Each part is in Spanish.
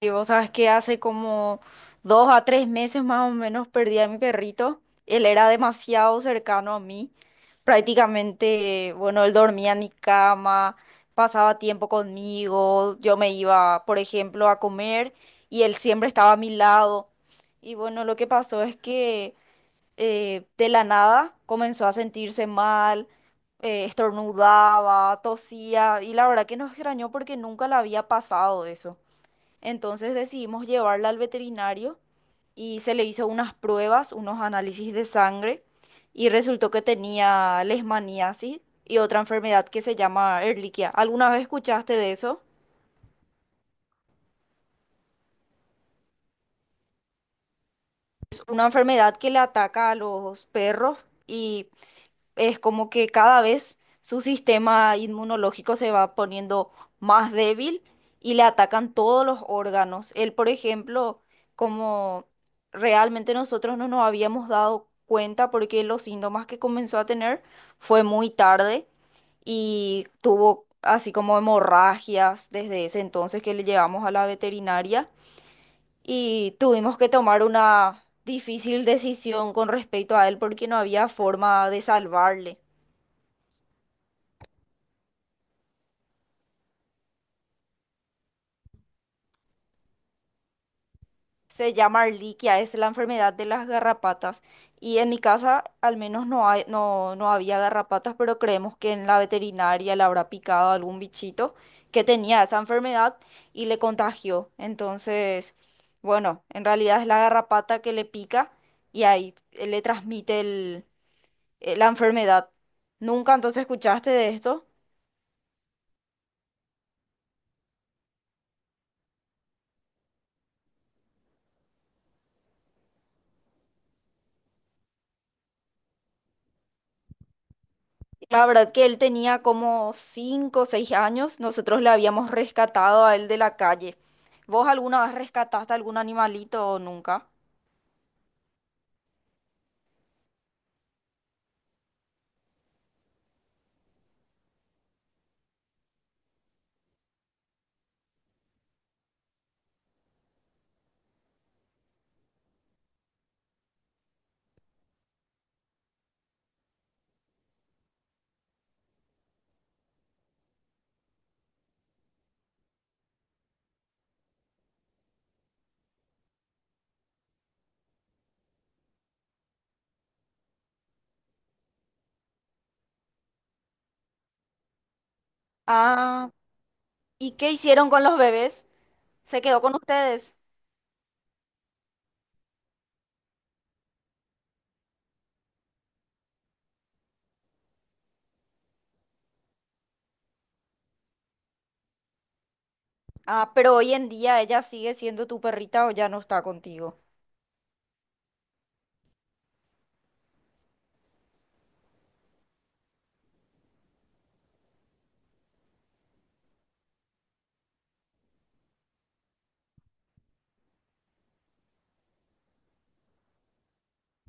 Y vos sabes que hace como 2 a 3 meses más o menos perdí a mi perrito. Él era demasiado cercano a mí. Prácticamente, bueno, él dormía en mi cama, pasaba tiempo conmigo. Yo me iba, por ejemplo, a comer y él siempre estaba a mi lado. Y bueno, lo que pasó es que de la nada comenzó a sentirse mal, estornudaba, tosía y la verdad que nos extrañó porque nunca le había pasado eso. Entonces decidimos llevarla al veterinario y se le hizo unas pruebas, unos análisis de sangre y resultó que tenía leishmaniasis y otra enfermedad que se llama Ehrlichia. ¿Alguna vez escuchaste de eso? Es una enfermedad que le ataca a los perros y es como que cada vez su sistema inmunológico se va poniendo más débil y le atacan todos los órganos. Él, por ejemplo, como realmente nosotros no nos habíamos dado cuenta porque los síntomas que comenzó a tener fue muy tarde y tuvo así como hemorragias desde ese entonces que le llevamos a la veterinaria y tuvimos que tomar una difícil decisión con respecto a él porque no había forma de salvarle. Se llama Arliquia, es la enfermedad de las garrapatas. Y en mi casa al menos no hay, no había garrapatas, pero creemos que en la veterinaria le habrá picado algún bichito que tenía esa enfermedad y le contagió. Entonces, bueno, en realidad es la garrapata que le pica y ahí le transmite la enfermedad. ¿Nunca entonces escuchaste de esto? La verdad que él tenía como 5 o 6 años, nosotros le habíamos rescatado a él de la calle. ¿Vos alguna vez rescataste algún animalito o nunca? Ah, ¿y qué hicieron con los bebés? ¿Se quedó con ustedes? Ah, pero hoy en día ella sigue siendo tu perrita o ya no está contigo.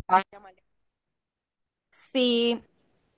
Ah, ya me alegro. Sí,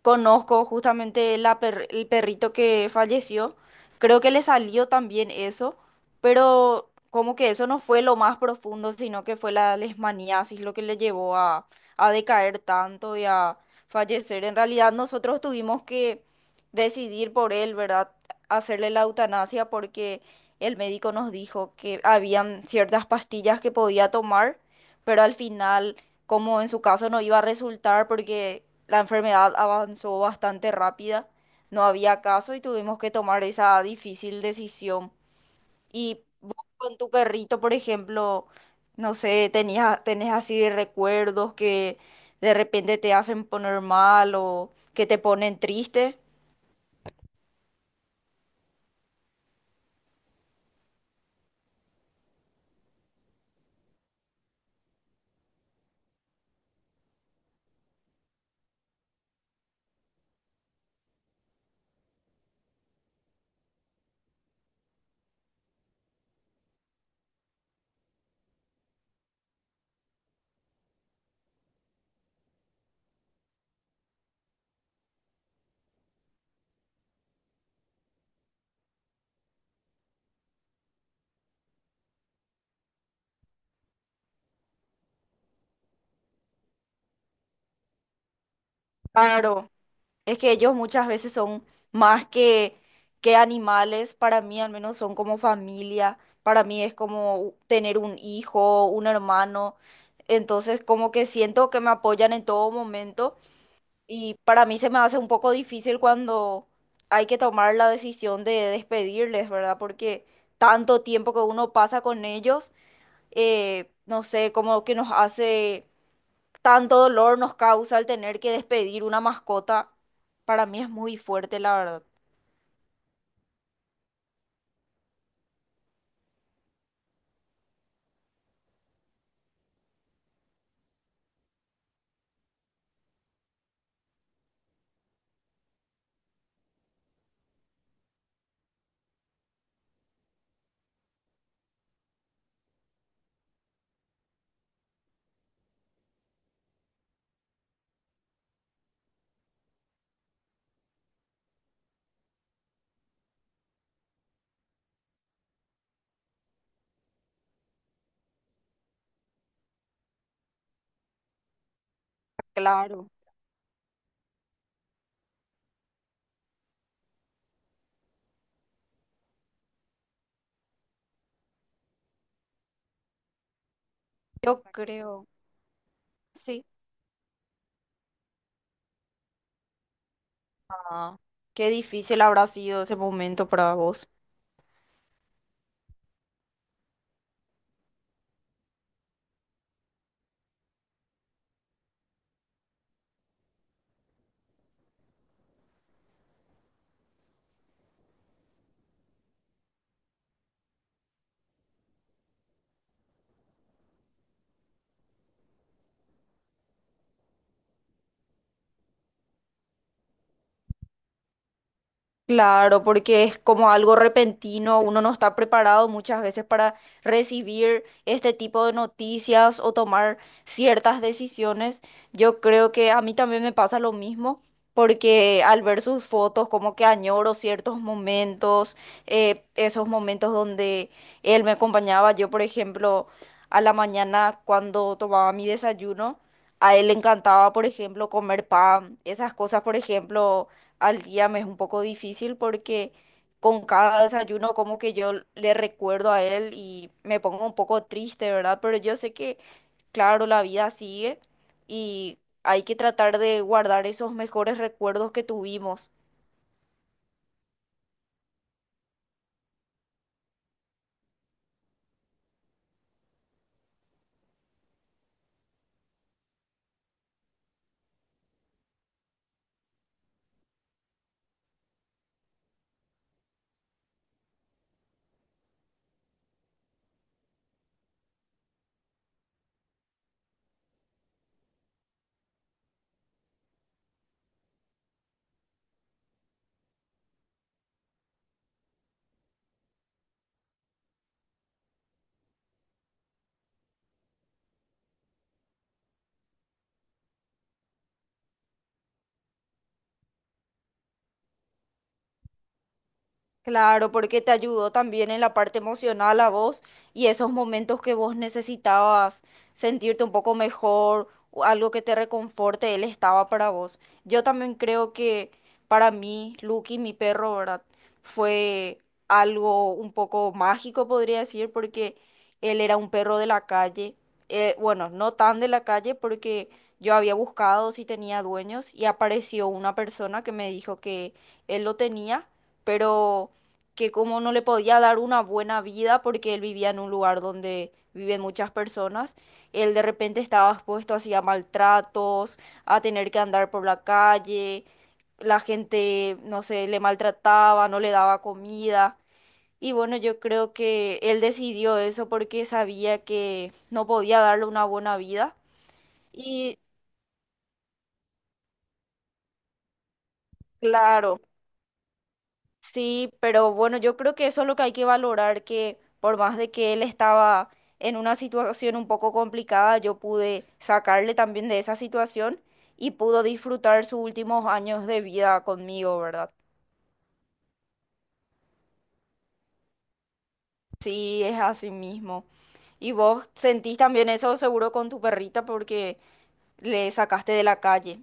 conozco justamente la el perrito que falleció. Creo que le salió también eso, pero como que eso no fue lo más profundo, sino que fue la leishmaniasis lo que le llevó a decaer tanto y a fallecer. En realidad nosotros tuvimos que decidir por él, ¿verdad? Hacerle la eutanasia porque el médico nos dijo que habían ciertas pastillas que podía tomar, pero al final como en su caso no iba a resultar porque la enfermedad avanzó bastante rápida, no había caso y tuvimos que tomar esa difícil decisión. Y vos con tu perrito, por ejemplo, no sé, tenías, tenés así de recuerdos que de repente te hacen poner mal o que te ponen triste. Claro. Es que ellos muchas veces son más que animales, para mí al menos son como familia, para mí es como tener un hijo, un hermano, entonces como que siento que me apoyan en todo momento y para mí se me hace un poco difícil cuando hay que tomar la decisión de despedirles, ¿verdad? Porque tanto tiempo que uno pasa con ellos, no sé, como que nos hace tanto dolor nos causa el tener que despedir una mascota, para mí es muy fuerte, la verdad. Claro, yo creo, sí. Ah, qué difícil habrá sido ese momento para vos. Claro, porque es como algo repentino, uno no está preparado muchas veces para recibir este tipo de noticias o tomar ciertas decisiones. Yo creo que a mí también me pasa lo mismo, porque al ver sus fotos como que añoro ciertos momentos, esos momentos donde él me acompañaba, yo por ejemplo, a la mañana cuando tomaba mi desayuno. A él le encantaba, por ejemplo, comer pan, esas cosas, por ejemplo, al día me es un poco difícil porque con cada desayuno como que yo le recuerdo a él y me pongo un poco triste, ¿verdad? Pero yo sé que, claro, la vida sigue y hay que tratar de guardar esos mejores recuerdos que tuvimos. Claro, porque te ayudó también en la parte emocional a vos y esos momentos que vos necesitabas sentirte un poco mejor o algo que te reconforte, él estaba para vos. Yo también creo que para mí, Lucky, mi perro, ¿verdad? Fue algo un poco mágico, podría decir, porque él era un perro de la calle. Bueno, no tan de la calle porque yo había buscado si tenía dueños y apareció una persona que me dijo que él lo tenía, pero que como no le podía dar una buena vida porque él vivía en un lugar donde viven muchas personas, él de repente estaba expuesto así a maltratos, a tener que andar por la calle, la gente, no sé, le maltrataba, no le daba comida. Y bueno, yo creo que él decidió eso porque sabía que no podía darle una buena vida. Y claro. Sí, pero bueno, yo creo que eso es lo que hay que valorar, que por más de que él estaba en una situación un poco complicada, yo pude sacarle también de esa situación y pudo disfrutar sus últimos años de vida conmigo, ¿verdad? Sí, es así mismo. Y vos sentís también eso seguro con tu perrita porque le sacaste de la calle.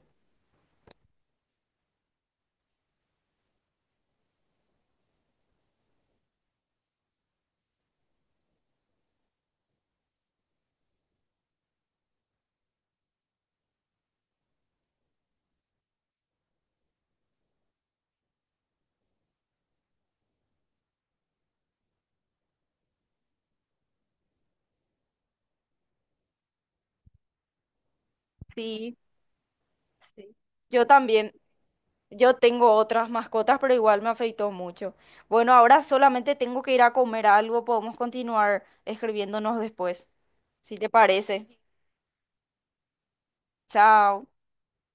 Sí, sí. Yo también. Yo tengo otras mascotas, pero igual me afectó mucho. Bueno, ahora solamente tengo que ir a comer algo. Podemos continuar escribiéndonos después, si te parece. Chao.